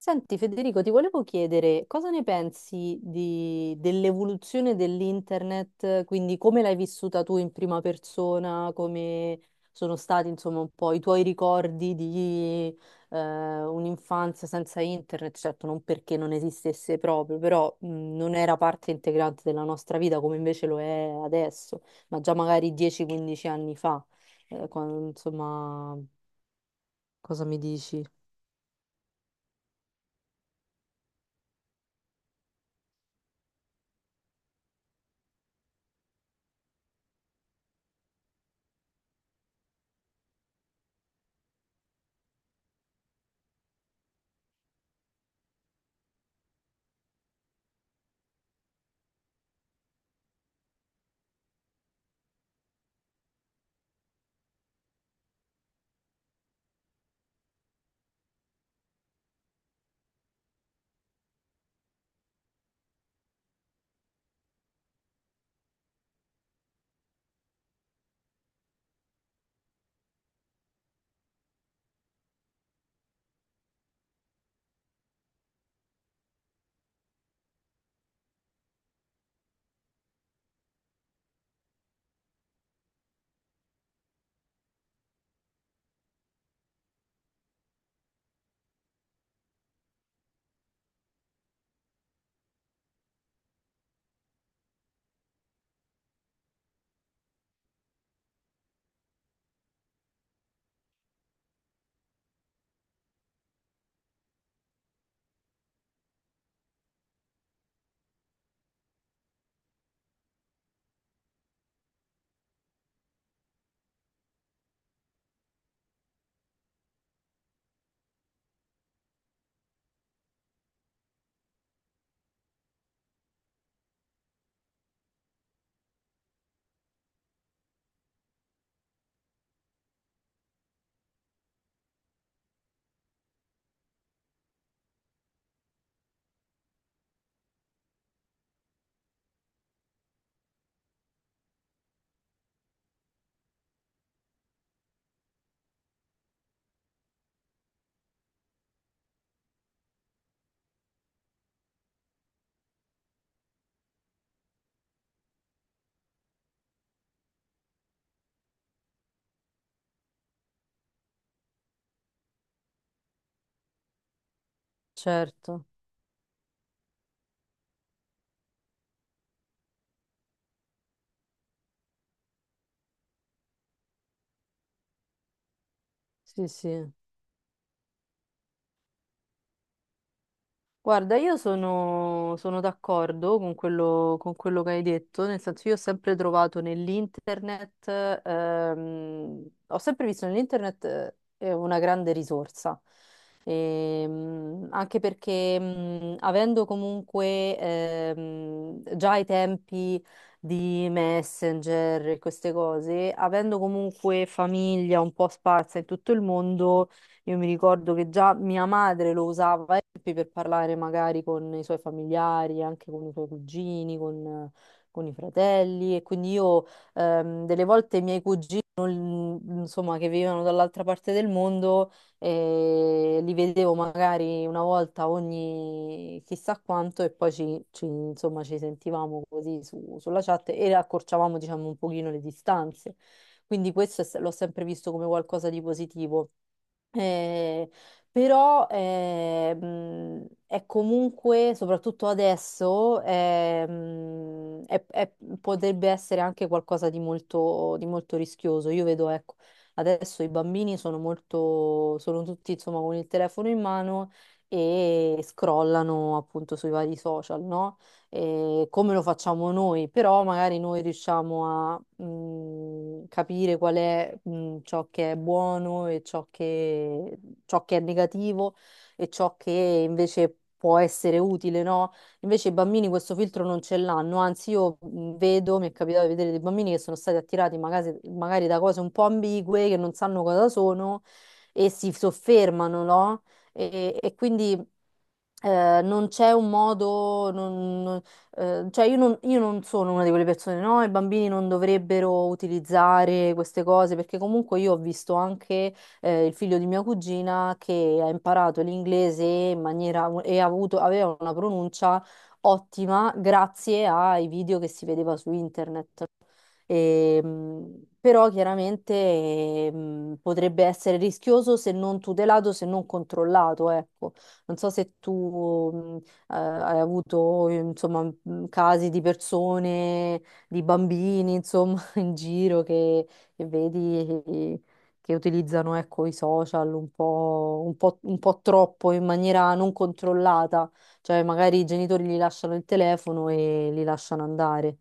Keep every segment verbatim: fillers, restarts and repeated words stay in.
Senti Federico, ti volevo chiedere cosa ne pensi di- dell'evoluzione dell'internet, quindi come l'hai vissuta tu in prima persona, come sono stati insomma un po' i tuoi ricordi di eh, un'infanzia senza internet, certo non perché non esistesse proprio, però mh, non era parte integrante della nostra vita come invece lo è adesso, ma già magari dieci quindici anni fa, Eh, quando, insomma, cosa mi dici? Certo, sì sì. Guarda, io sono, sono d'accordo con quello, con quello che hai detto, nel senso io ho sempre trovato nell'internet, ehm, ho sempre visto nell'internet eh, eh, una grande risorsa. Ehm, anche perché mh, avendo comunque ehm, già i tempi di Messenger e queste cose, avendo comunque famiglia un po' sparsa in tutto il mondo, io mi ricordo che già mia madre lo usava eh, per parlare magari con i suoi familiari, anche con i suoi cugini, con, con i fratelli. E quindi io ehm, delle volte i miei cugini, non- insomma, che vivevano dall'altra parte del mondo, eh, li vedevo magari una volta ogni chissà quanto e poi ci, ci- insomma, ci sentivamo così su- sulla chat e accorciavamo, diciamo, un pochino le distanze. Quindi questo è se- l'ho sempre visto come qualcosa di positivo. Eh, però eh, mh, è comunque, soprattutto adesso, è, mh, è- è- potrebbe essere anche qualcosa di molto, di molto rischioso. Io vedo, ecco, adesso i bambini sono molto, sono tutti insomma con il telefono in mano e scrollano appunto sui vari social, no? E come lo facciamo noi, però magari noi riusciamo mh, capire qual è, mh, ciò che è buono e ciò che, ciò che è negativo e ciò che invece può essere utile, no? Invece i bambini questo filtro non ce l'hanno, anzi io mh, vedo, mi è capitato di vedere dei bambini che sono stati attirati magari, magari da cose un po' ambigue, che non sanno cosa sono e si soffermano, no? E, e quindi eh, non c'è un modo, non- non- eh, cioè io non, io non sono una di quelle persone, no, i bambini non dovrebbero utilizzare queste cose perché comunque io ho visto anche eh, il figlio di mia cugina che ha imparato l'inglese in maniera e ha avuto, aveva una pronuncia ottima grazie ai video che si vedeva su internet. E, mh, però chiaramente eh, mh, potrebbe essere rischioso se non tutelato, se non controllato, ecco. Non so se tu mh, eh, hai avuto, eh, insomma, mh, casi di persone, di bambini, insomma, in giro che, che, vedi eh, che utilizzano, ecco, i social un po', un po', un po' troppo in maniera non controllata, cioè magari i genitori gli lasciano il telefono e li lasciano andare.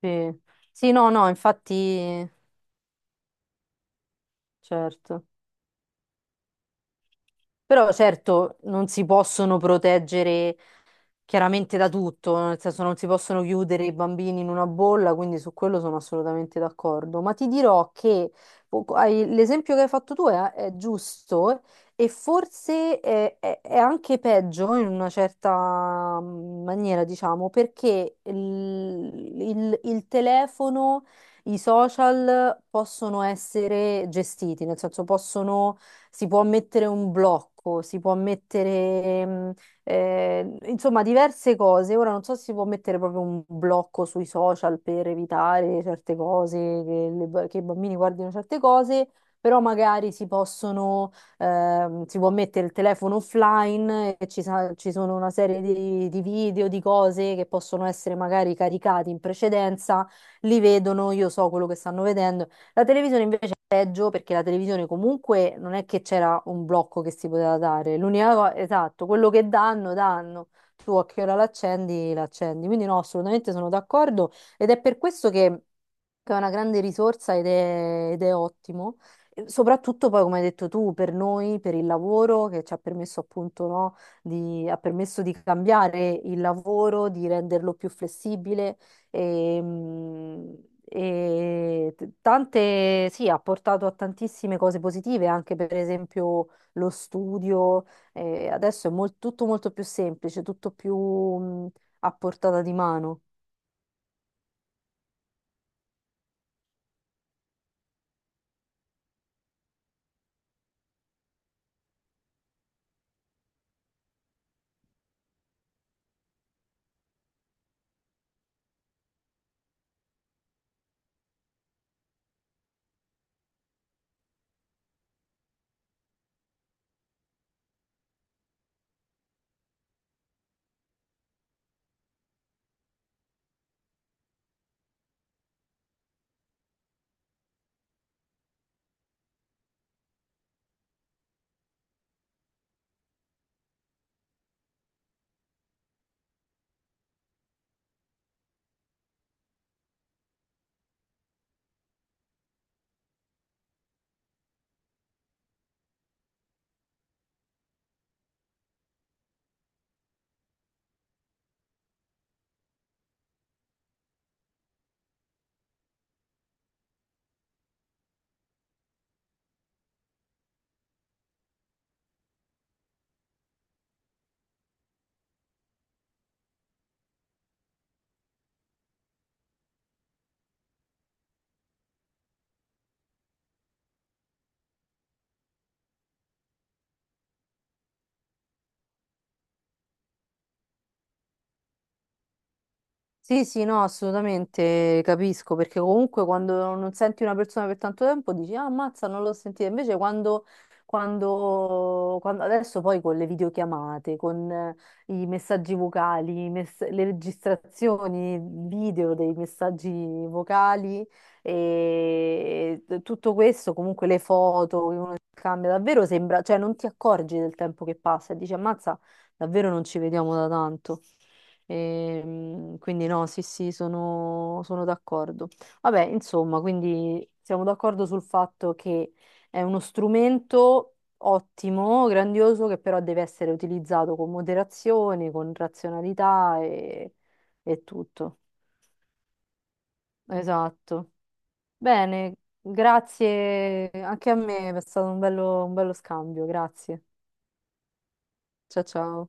Sì. Sì, no, no, infatti, certo. Però certo non si possono proteggere chiaramente da tutto, nel senso non si possono chiudere i bambini in una bolla, quindi su quello sono assolutamente d'accordo. Ma ti dirò che poco- hai- l'esempio che hai fatto tu è, è giusto e forse è, è- è anche peggio in una certa mm, maniera, diciamo, perché il, il- il telefono, i social possono essere gestiti, nel senso possono, si può mettere un blocco, si può mettere eh, insomma diverse cose. Ora non so se si può mettere proprio un blocco sui social per evitare certe cose, che, le- che i bambini guardino certe cose, però magari si possono, ehm, si può mettere il telefono offline e ci, sa- ci sono una serie di, di video, di cose che possono essere magari caricati in precedenza, li vedono, io so quello che stanno vedendo. La televisione invece peggio perché la televisione comunque non è che c'era un blocco che si poteva dare. L'unica cosa, esatto, quello che danno, danno. Tu a che ora l'accendi, l'accendi. Quindi no, assolutamente sono d'accordo ed è per questo che, che è una grande risorsa ed è, ed è ottimo. E soprattutto poi, come hai detto tu, per noi, per il lavoro che ci ha permesso appunto, no, di, ha permesso di cambiare il lavoro, di renderlo più flessibile e, mh, e t- tante, sì, ha portato a tantissime cose positive, anche per esempio lo studio. eh, adesso è mol- tutto molto più semplice, tutto più mh, a portata di mano. Sì, sì, no, assolutamente capisco, perché comunque quando non senti una persona per tanto tempo dici, ah, ammazza, non l'ho sentita. Invece quando, quando, quando- adesso poi con le videochiamate, con eh, i messaggi vocali, i mess- le registrazioni video dei messaggi vocali e e tutto questo, comunque le foto che uno cambia, davvero sembra, cioè non ti accorgi del tempo che passa e dici, ammazza, davvero non ci vediamo da tanto. Ehm, quindi no, sì, sì, sono, sono d'accordo. Vabbè, insomma, quindi siamo d'accordo sul fatto che è uno strumento ottimo, grandioso, che però deve essere utilizzato con moderazione, con razionalità e, e tutto. Esatto. Bene, grazie anche a me, è stato un bello un bello scambio, grazie. Ciao ciao.